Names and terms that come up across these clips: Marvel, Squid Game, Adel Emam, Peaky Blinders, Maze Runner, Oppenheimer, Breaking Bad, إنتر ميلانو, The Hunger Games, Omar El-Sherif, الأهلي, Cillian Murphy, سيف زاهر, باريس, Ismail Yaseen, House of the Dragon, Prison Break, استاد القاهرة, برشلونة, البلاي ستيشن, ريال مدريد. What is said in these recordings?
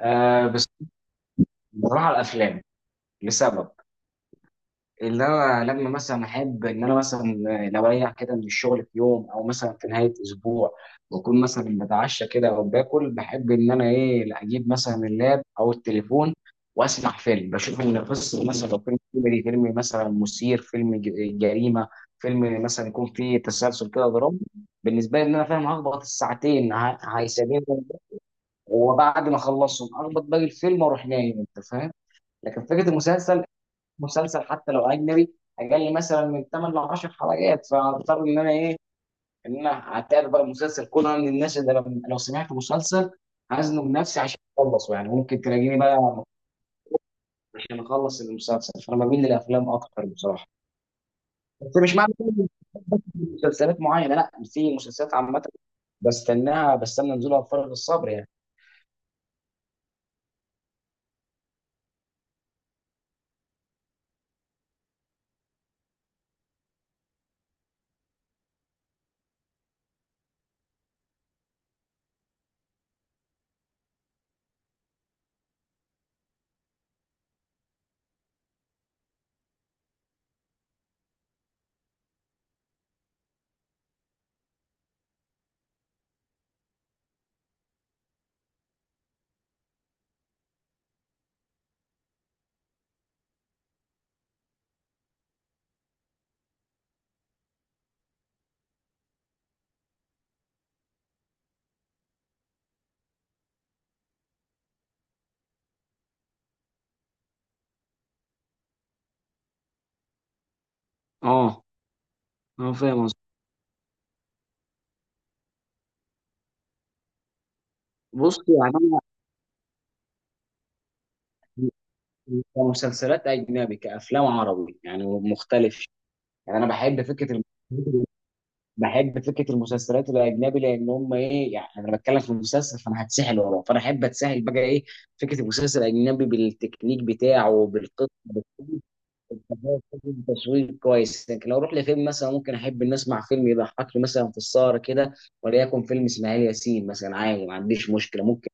آه، بس بروح على الافلام لسبب ان انا لما مثلا احب ان انا مثلا لو اريح كده من الشغل في يوم او مثلا في نهايه اسبوع، بكون مثلا بتعشى كده او باكل. بحب ان انا ايه، لا اجيب مثلا اللاب او التليفون واسمع فيلم، بشوف ان قصه مثلا لو فيلم كوميدي، فيلم مثلا مثير، فيلم جريمه، فيلم مثلا يكون فيه تسلسل كده درامي. بالنسبه لي ان انا فاهم هخبط الساعتين هيسابيني، وبعد ما اخلصهم اخبط باقي الفيلم واروح نايم، انت فاهم. لكن فكره المسلسل، مسلسل حتى لو اجنبي، اقل مثلا من 8 ل 10 حلقات، فاضطر ان انا ايه ان انا اتابع بقى المسلسل كله. انا من الناس اللي لو سمعت مسلسل هزنه بنفسي عشان اخلصه، يعني ممكن تلاقيني بقى عشان اخلص المسلسل. فانا بميل للافلام اكتر بصراحه. بس مش معنى كده إن مسلسلات معينه، لا، في مسلسلات عامه بستناها، بستنى نزولها بفارغ الصبر يعني. اه. اه، فاهم قصدك. بص يعني انا، كمسلسلات اجنبي كافلام عربي، يعني مختلف. يعني انا بحب فكره بحب فكره المسلسلات الاجنبي، لان هم ايه، يعني انا بتكلم في المسلسل فانا هتسحل وراه، فانا احب اتسحل بقى ايه فكره المسلسل الاجنبي بالتكنيك بتاعه بالقصه بالكل. تصوير كويس، لكن لو اروح لفيلم مثلا، ممكن احب ان اسمع فيلم يضحكني مثلا في السهره كده، وليكن فيلم اسماعيل ياسين مثلا، عادي ما عنديش مشكله. ممكن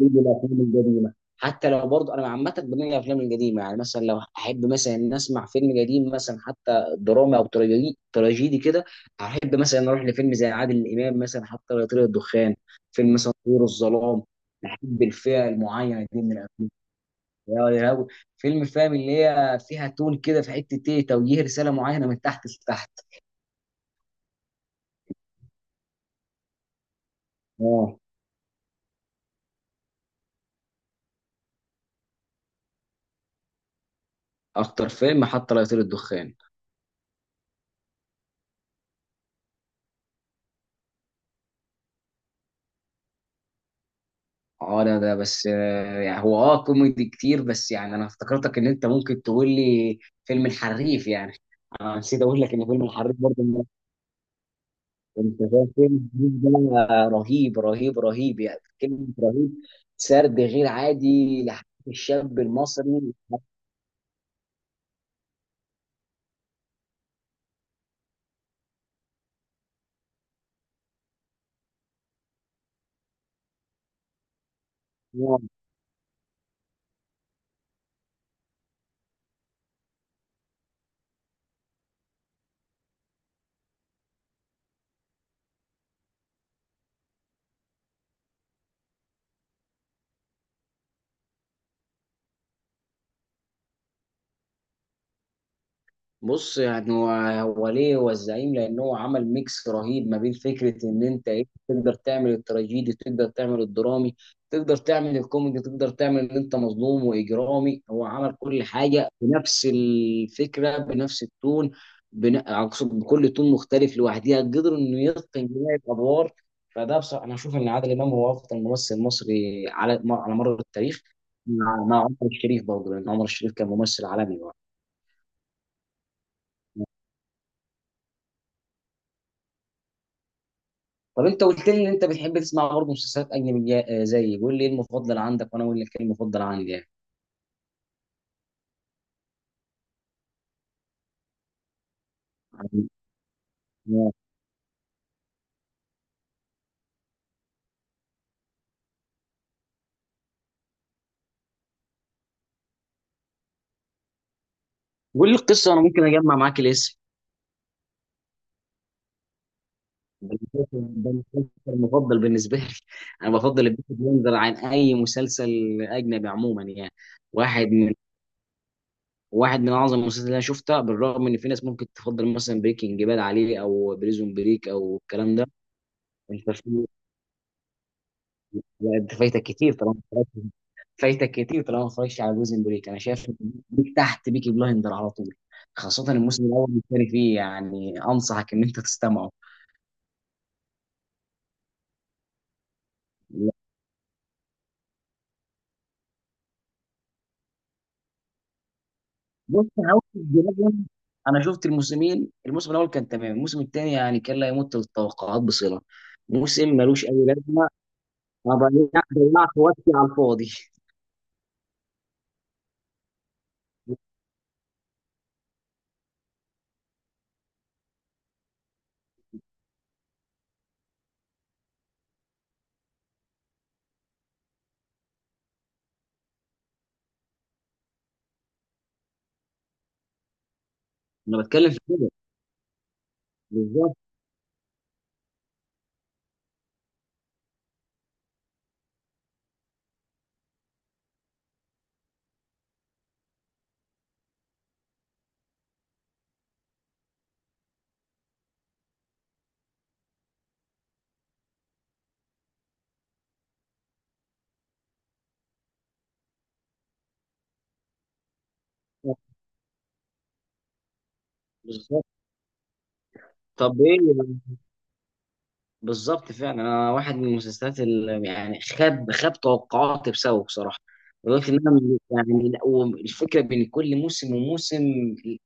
هنيجي الافلام القديمه، حتى لو برضه انا عامه بميل للافلام القديمه. يعني مثلا لو احب مثلا ان اسمع فيلم قديم مثلا، حتى درامي او تراجيدي، تراجيدي كده، احب مثلا اروح لفيلم زي عادل امام مثلا، حتى لو طير الدخان، فيلم مثلا طيور الظلام. بحب الفئه المعينه دي من الافلام. يا لهوي. فيلم فاهم اللي هي فيها تون كده، في حته ايه توجيه رساله معينه من تحت لتحت. اه. اكتر فيلم حتى لو طير الدخان. اه، ده بس. يعني هو اه كوميدي كتير، بس يعني انا افتكرتك ان انت ممكن تقول لي فيلم الحريف يعني. انا نسيت اقول لك ان فيلم الحريف برضه انت فاهم فيلم الحريف ده؟ رهيب رهيب رهيب، يعني كلمه رهيب. سرد غير عادي لحياه الشاب المصري. بص يعني هو ليه هو الزعيم؟ لان هو عمل ميكس رهيب ما بين فكره ان انت ايه تقدر تعمل التراجيدي، تقدر تعمل الدرامي، تقدر تعمل الكوميدي، تقدر تعمل ان انت مظلوم واجرامي. هو عمل كل حاجه بنفس الفكره بنفس التون. اقصد بكل تون مختلف لوحدها. قدر انه يتقن جميع الادوار. فده بصراحه انا اشوف ان عادل امام هو افضل ممثل مصري على مر التاريخ. مع عمر الشريف برضه، لان عمر الشريف كان ممثل عالمي. طب انت قلت لي ان انت بتحب تسمع برضه مسلسلات اجنبيه زيي، قول لي ايه المفضل عندك وانا اقول لك ايه المفضل عندي يعني. آه، قول لي القصه انا ممكن اجمع معاك الاسم. ده المسلسل، ده المسلسل المفضل بالنسبه لي. انا بفضل البيكي بليندر عن اي مسلسل اجنبي عموما يعني. واحد من واحد من اعظم المسلسلات اللي انا شفتها، بالرغم ان في ناس ممكن تفضل مثلا بريكنج باد عليه او بريزون بريك او الكلام ده. انت في لا، انت فايتك كتير طالما ما اتفرجتش على جزء من بريك. انا شايف إن بيك تحت بيكي بلايندر على طول، خاصة الموسم الأول والثاني فيه، يعني أنصحك إن أنت تستمعه. بص، هاوس اوف دراجون أنا شفت الموسمين، الموسم الأول كان تمام، الموسم الثاني يعني كان لا يمت للتوقعات بصلة. موسم ملوش أي لازمة. أنا ضيعت وقتي على الفاضي. أنا بتكلم في كده. بالظبط بالظبط. طب إيه؟ بالظبط فعلا، انا واحد من المسلسلات اللي يعني خاب توقعاتي بسببه بصراحه. ولكن انا لا، والفكره بين كل موسم وموسم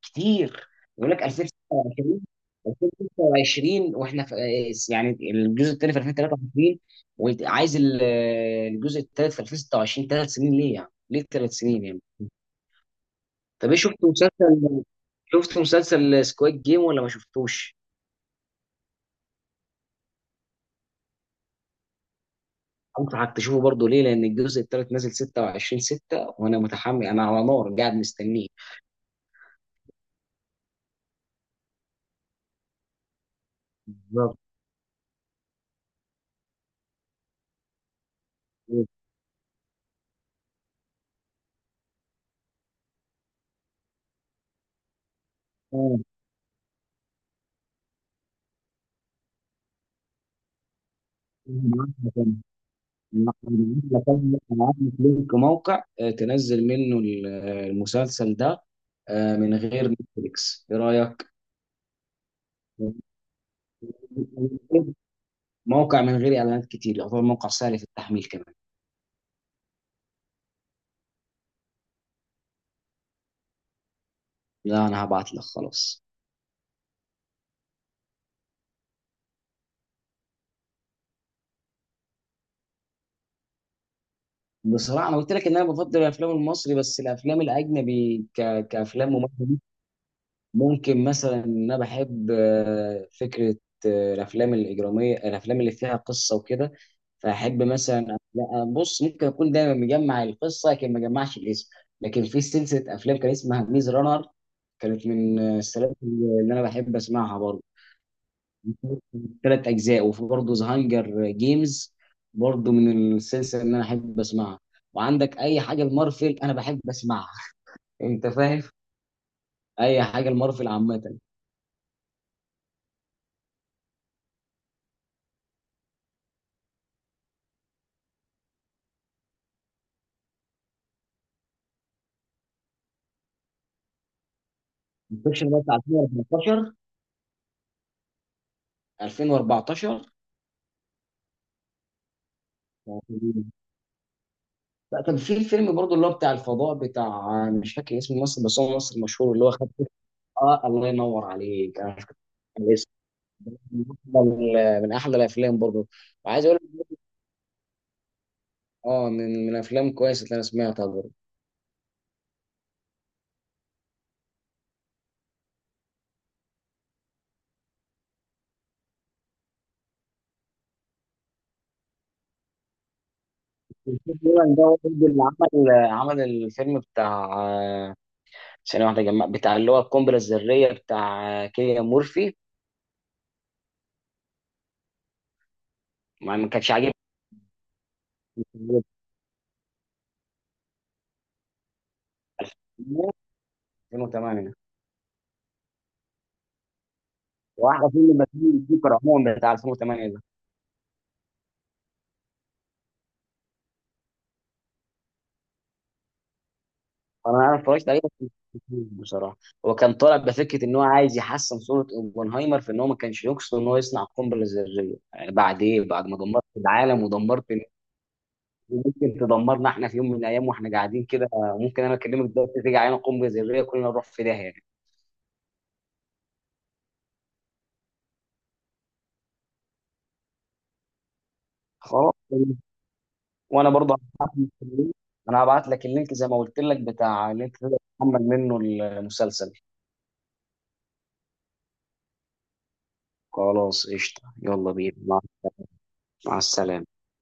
كتير. يقول لك 2026. 2026 واحنا في، يعني الجزء الثاني في 2023 وعايز الجزء الثالث في 2026. 3 سنين ليه يعني؟ ليه 3 سنين يعني؟ طب ايه، شفت مسلسل سكواد جيم ولا ما شفتوش؟ انصحك تشوفه برضه. ليه؟ لان الجزء الثالث نازل 26 6 وانا متحمل، انا على نار قاعد مستنيه. بالظبط. أنا هبعت لك لينك موقع تنزل منه المسلسل ده، من غير نتفليكس، ايه رايك؟ موقع من غير اعلانات كتير، يعتبر موقع سهل في التحميل كمان. لا انا هبعت لك خلاص. بصراحه انا قلت لك ان انا بفضل الافلام المصري، بس الافلام الاجنبي كافلام ممثل، ممكن مثلا ان انا بحب فكره الافلام الاجراميه، الافلام اللي فيها قصه وكده. فاحب مثلا، لا، بص ممكن اكون دايما مجمع القصه لكن ما جمعش الاسم. لكن في سلسله افلام كان اسمها ميز رانر، كانت من السلاسل اللي انا بحب اسمعها برضه. 3 اجزاء. وفي برضه ذا هانجر جيمز، برضه من السلسله اللي انا احب اسمعها. وعندك اي حاجه المارفل انا بحب اسمعها. انت فاهم. اي حاجه المارفل عامه. انسبشن ده بتاع 2014. 2014. لا، كان في فيلم برضه اللي هو بتاع الفضاء، بتاع مش فاكر اسم الممثل، بس هو ممثل مشهور اللي هو خد. اه الله ينور عليك، انا مش فاكر الاسم. من من أحلى الافلام برضه. وعايز اقول اه، من افلام كويسه اللي انا سمعتها برضه. تقريباً ده هو برضه اللي عمل الفيلم بتاع ثانية واحدة، جمع بتاع اللي هو القنبلة الذرية بتاع كيليان مورفي. ما كانش عاجبني. 2008. واحلى فيلم مثيل الذكر عموما بتاع 2008 ده. انا اتفرجت عليه بس مش فاكره بصراحه. هو كان طالع بفكره ان هو عايز يحسن صوره اوبنهايمر في ان هو ما كانش يقصد ان هو يصنع قنبله ذريه يعني، بعد ايه، بعد ما دمرت العالم ودمرت. ممكن تدمرنا احنا في يوم من الايام واحنا قاعدين كده. ممكن انا اكلمك دلوقتي تيجي علينا قنبله ذريه كلنا نروح في داهيه يعني. خلاص. وانا برضه هبعت لك اللينك. انا هبعت لك اللينك زي ما قلت لك بتاع اللي انت تقدر تحمل منه المسلسل. خلاص قشطه. يلا بينا مع السلامه.